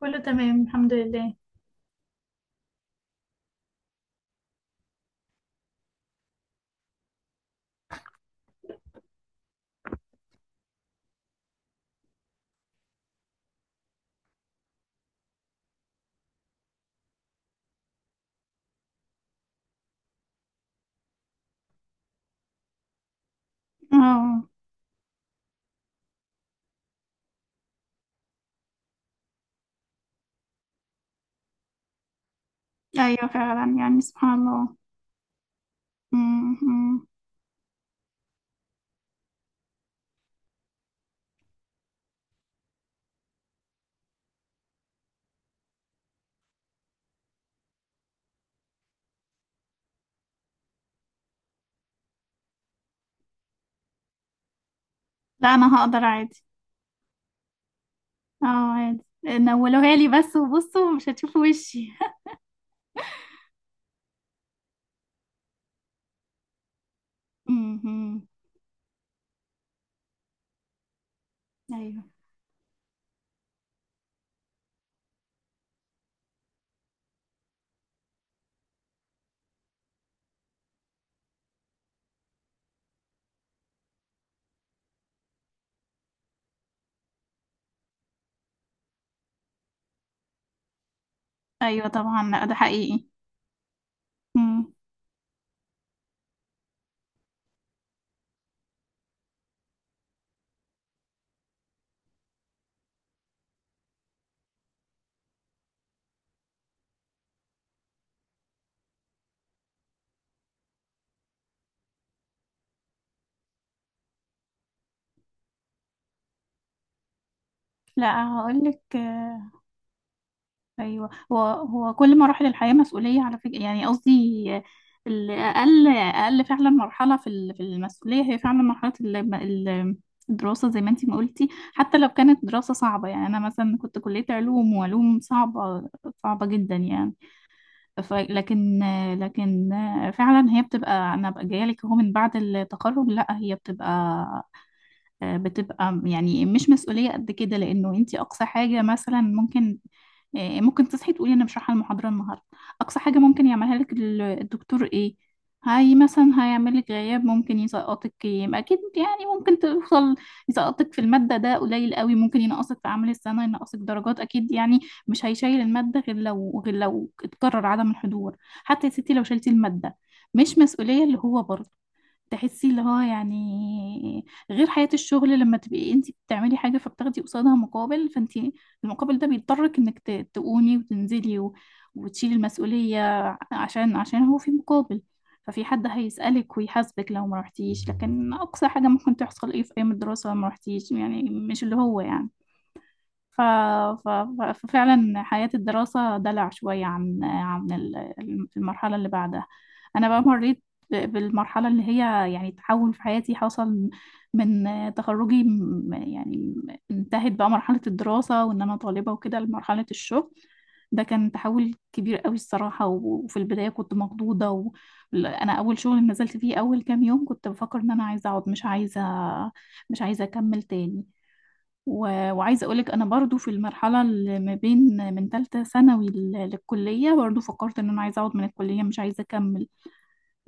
كله تمام، الحمد لله. اه. ايوه، فعلا، يعني سبحان الله. امم. لا، انا هقدر عادي. اه، عادي، نولوها لي بس وبصوا مش هتشوفوا وشي. امم. ايوه، ايوه، طبعا. لا، ده حقيقي. امم. لا، هقول لك. ايوه، هو هو كل مراحل الحياه مسؤوليه على فكره، يعني قصدي اقل فعلا. مرحله في المسؤوليه هي فعلا مرحله الدراسه، زي ما انتي ما قلتي. حتى لو كانت دراسه صعبه، يعني انا مثلا كنت كليه علوم، وعلوم صعبه، صعبه جدا يعني. ف لكن لكن فعلا هي بتبقى، انا بقى جايه لك اهو، من بعد التخرج لا هي بتبقى يعني مش مسؤولية قد كده، لأنه أنت أقصى حاجة مثلا ممكن، ممكن تصحي تقولي انا مش رايحه المحاضره النهارده. اقصى حاجه ممكن يعملها لك الدكتور ايه؟ هاي مثلا هيعمل لك غياب، ممكن يسقطك. يبقى اكيد يعني ممكن توصل يسقطك في الماده، ده قليل قوي، ممكن ينقصك في عمل السنه، ينقصك درجات اكيد يعني. مش هيشيل الماده غير لو اتكرر عدم الحضور. حتى يا ستي لو شلتي الماده، مش مسؤوليه اللي هو برضه تحسي اللي هو، يعني غير حياة الشغل. لما تبقي انت بتعملي حاجة فبتاخدي قصادها مقابل، فانت المقابل ده بيضطرك انك تقومي وتنزلي وتشيلي المسؤولية، عشان هو في مقابل، ففي حد هيسألك ويحاسبك لو ما رحتيش. لكن أقصى حاجة ممكن تحصل ايه في أيام الدراسة لو ما رحتيش، يعني مش اللي هو يعني. ف... ففعلا حياة الدراسة دلع شوية عن المرحلة اللي بعدها. أنا بقى مريت بالمرحلة اللي هي يعني تحول في حياتي حصل، من تخرجي، يعني انتهت بقى مرحلة الدراسة وإن أنا طالبة وكده لمرحلة الشغل. ده كان تحول كبير قوي الصراحة، وفي البداية كنت مخضوضة. أنا أول شغل نزلت فيه أول كام يوم كنت بفكر إن أنا عايزة أقعد، مش عايزة أكمل تاني. وعايزة أقولك أنا برضو في المرحلة اللي ما بين، من تالتة ثانوي للكلية، برضو فكرت إن أنا عايزة أقعد من الكلية، مش عايزة أكمل.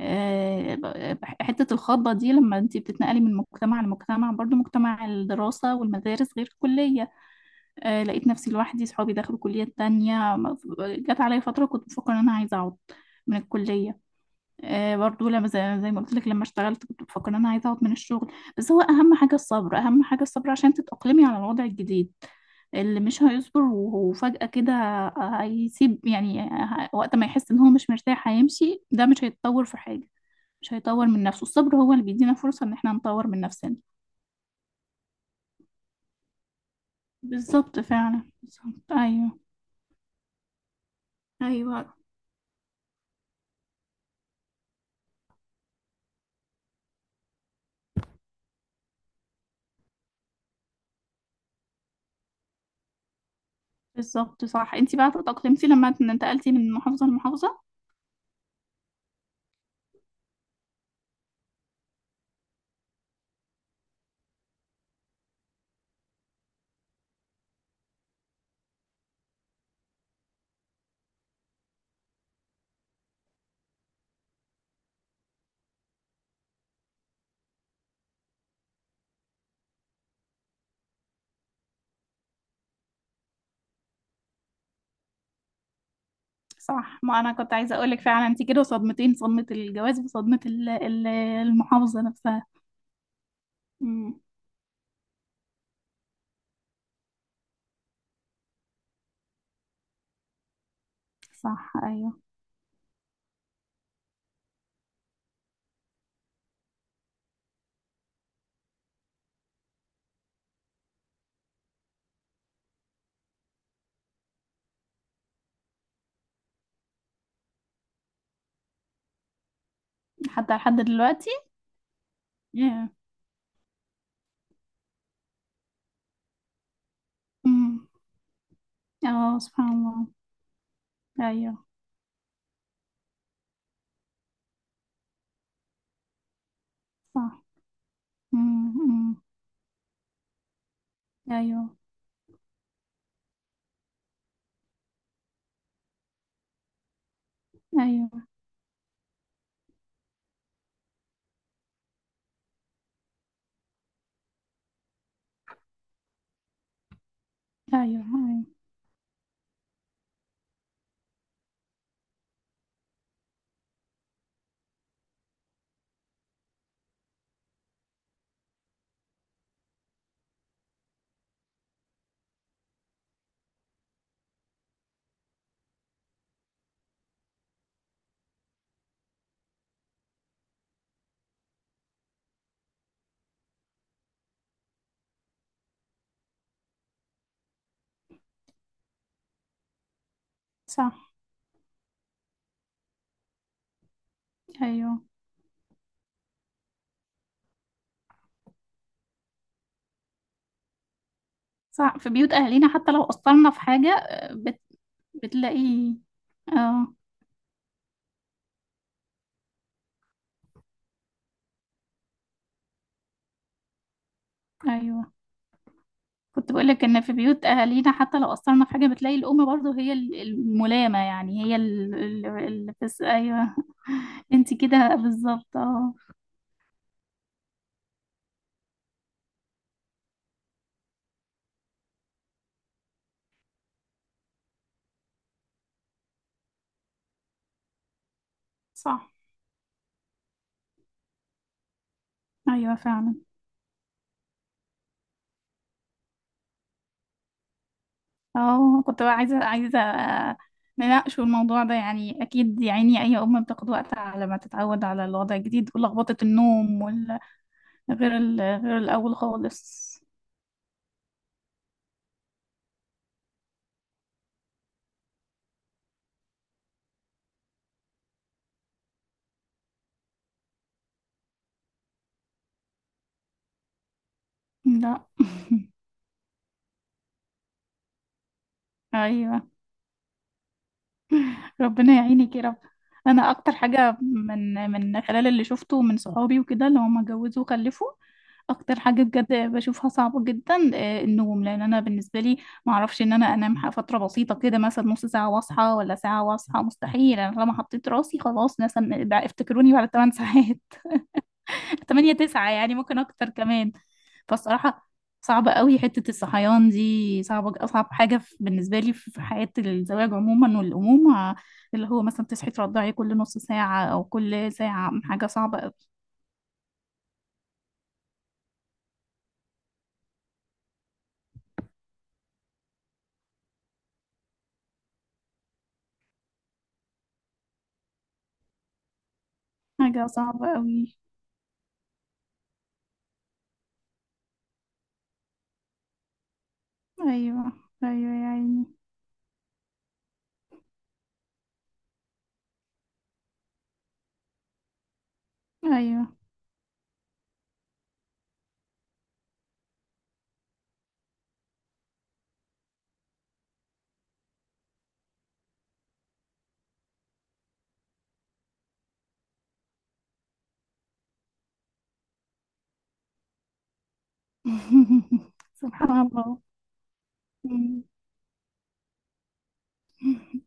حتة الخطبة دي، لما أنتي بتتنقلي من مجتمع لمجتمع، برضو مجتمع الدراسة والمدارس غير الكلية. لقيت نفسي لوحدي، صحابي دخلوا كليات تانية، جت عليا فترة كنت بفكر إن أنا عايزة أقعد من الكلية. برضو، لما زي ما قلت لك، لما اشتغلت كنت بفكر ان انا عايزه اقعد من الشغل. بس هو اهم حاجه الصبر، اهم حاجه الصبر عشان تتاقلمي على الوضع الجديد. اللي مش هيصبر وفجأة كده هيسيب، يعني وقت ما يحس ان هو مش مرتاح هيمشي. ده مش هيتطور في حاجه، مش هيطور من نفسه. الصبر هو اللي بيدينا فرصه ان احنا نطور من نفسنا. بالظبط، فعلا بالظبط، ايوه. ايوه بالظبط. صح، انت بقى تأقلمتي لما انتقلتي من محافظه لمحافظه؟ صح، ما انا كنت عايزه اقولك فعلا، انت كده صدمتين: صدمه الجواز وصدمه المحافظه نفسها. امم. صح، ايوه. حتى لحد دلوقتي. yeah. امم. اه، سبحان الله. ايوه. صح. امم. أمم. ايوه. ايوه، ايوه، ايوه. صح، ايوه. صح، في بيوت اهالينا حتى لو قصرنا في حاجه، بتلاقي. اه. ايوه، كنت بقولك ان في بيوت اهالينا حتى لو قصرنا في حاجه بتلاقي الام برضو هي الملامه، يعني هي، بس ايوه. انت كده بالظبط، اه. صح، ايوه فعلا. اه، كنت بقى عايزه، نناقشوا الموضوع ده، يعني اكيد. يعني اي ام بتاخد وقت على ما تتعود على الوضع الجديد ولخبطه النوم. غير الاول خالص. لا. ايوه. ربنا يعينك يا رب. انا اكتر حاجه، من خلال اللي شفته من صحابي وكده اللي هم اتجوزوا وخلفوا، اكتر حاجه بجد بشوفها صعبه جدا، النوم. لان انا بالنسبه لي ما اعرفش ان انا انام فتره بسيطه كده، مثلا نص ساعه واصحى، ولا ساعه واصحى. مستحيل. انا لما حطيت راسي خلاص، مثلا بقى افتكروني بعد 8 ساعات، تمانية تسعة، يعني ممكن أكتر كمان. فالصراحة صعبة قوي حتة الصحيان دي، صعبة. أصعب حاجة بالنسبة لي في حياة الزواج عموما والأمومة، اللي هو مثلا تصحي ترضعي كل نص ساعة أو كل ساعة، حاجة صعبة قوي. حاجة صعبة قوي. أيوة. أيوة يا عيني. أيوة. سبحان الله. أمم.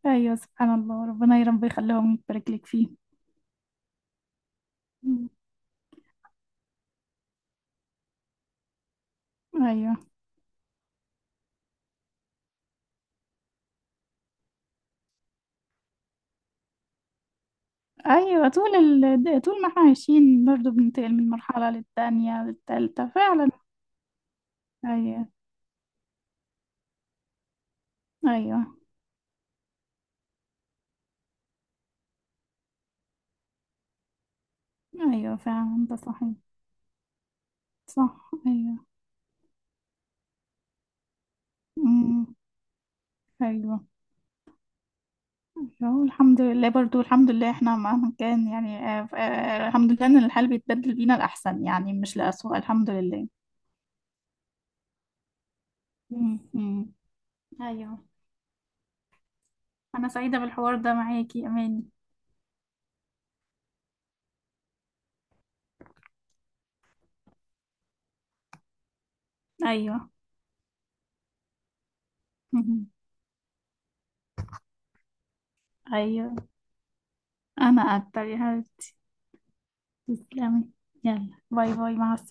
أيوة، سبحان الله. ربنا يا رب يخليهم، يبارك لك فيه. أمم. أيوة. أيوة، طول طول ما احنا عايشين برضه بننتقل من مرحلة للتانية للتالتة، فعلا. أيوة، أيوة، أيوة، فعلا ده صحيح. صح، أيوة. أمم. أيوة. هو الحمد لله، برضه الحمد لله، احنا مهما كان يعني، الحمد لله إن الحال بيتبدل بينا الأحسن، يعني مش لأسوأ، الحمد لله. أمم. أمم. أيوة. أنا سعيدة بالحوار ده معاكي يا أماني. أيوة. أمم. أيوة. أنا أكتر يا حبيبتي. تسلمي. يلا، باي باي، مع السلامة.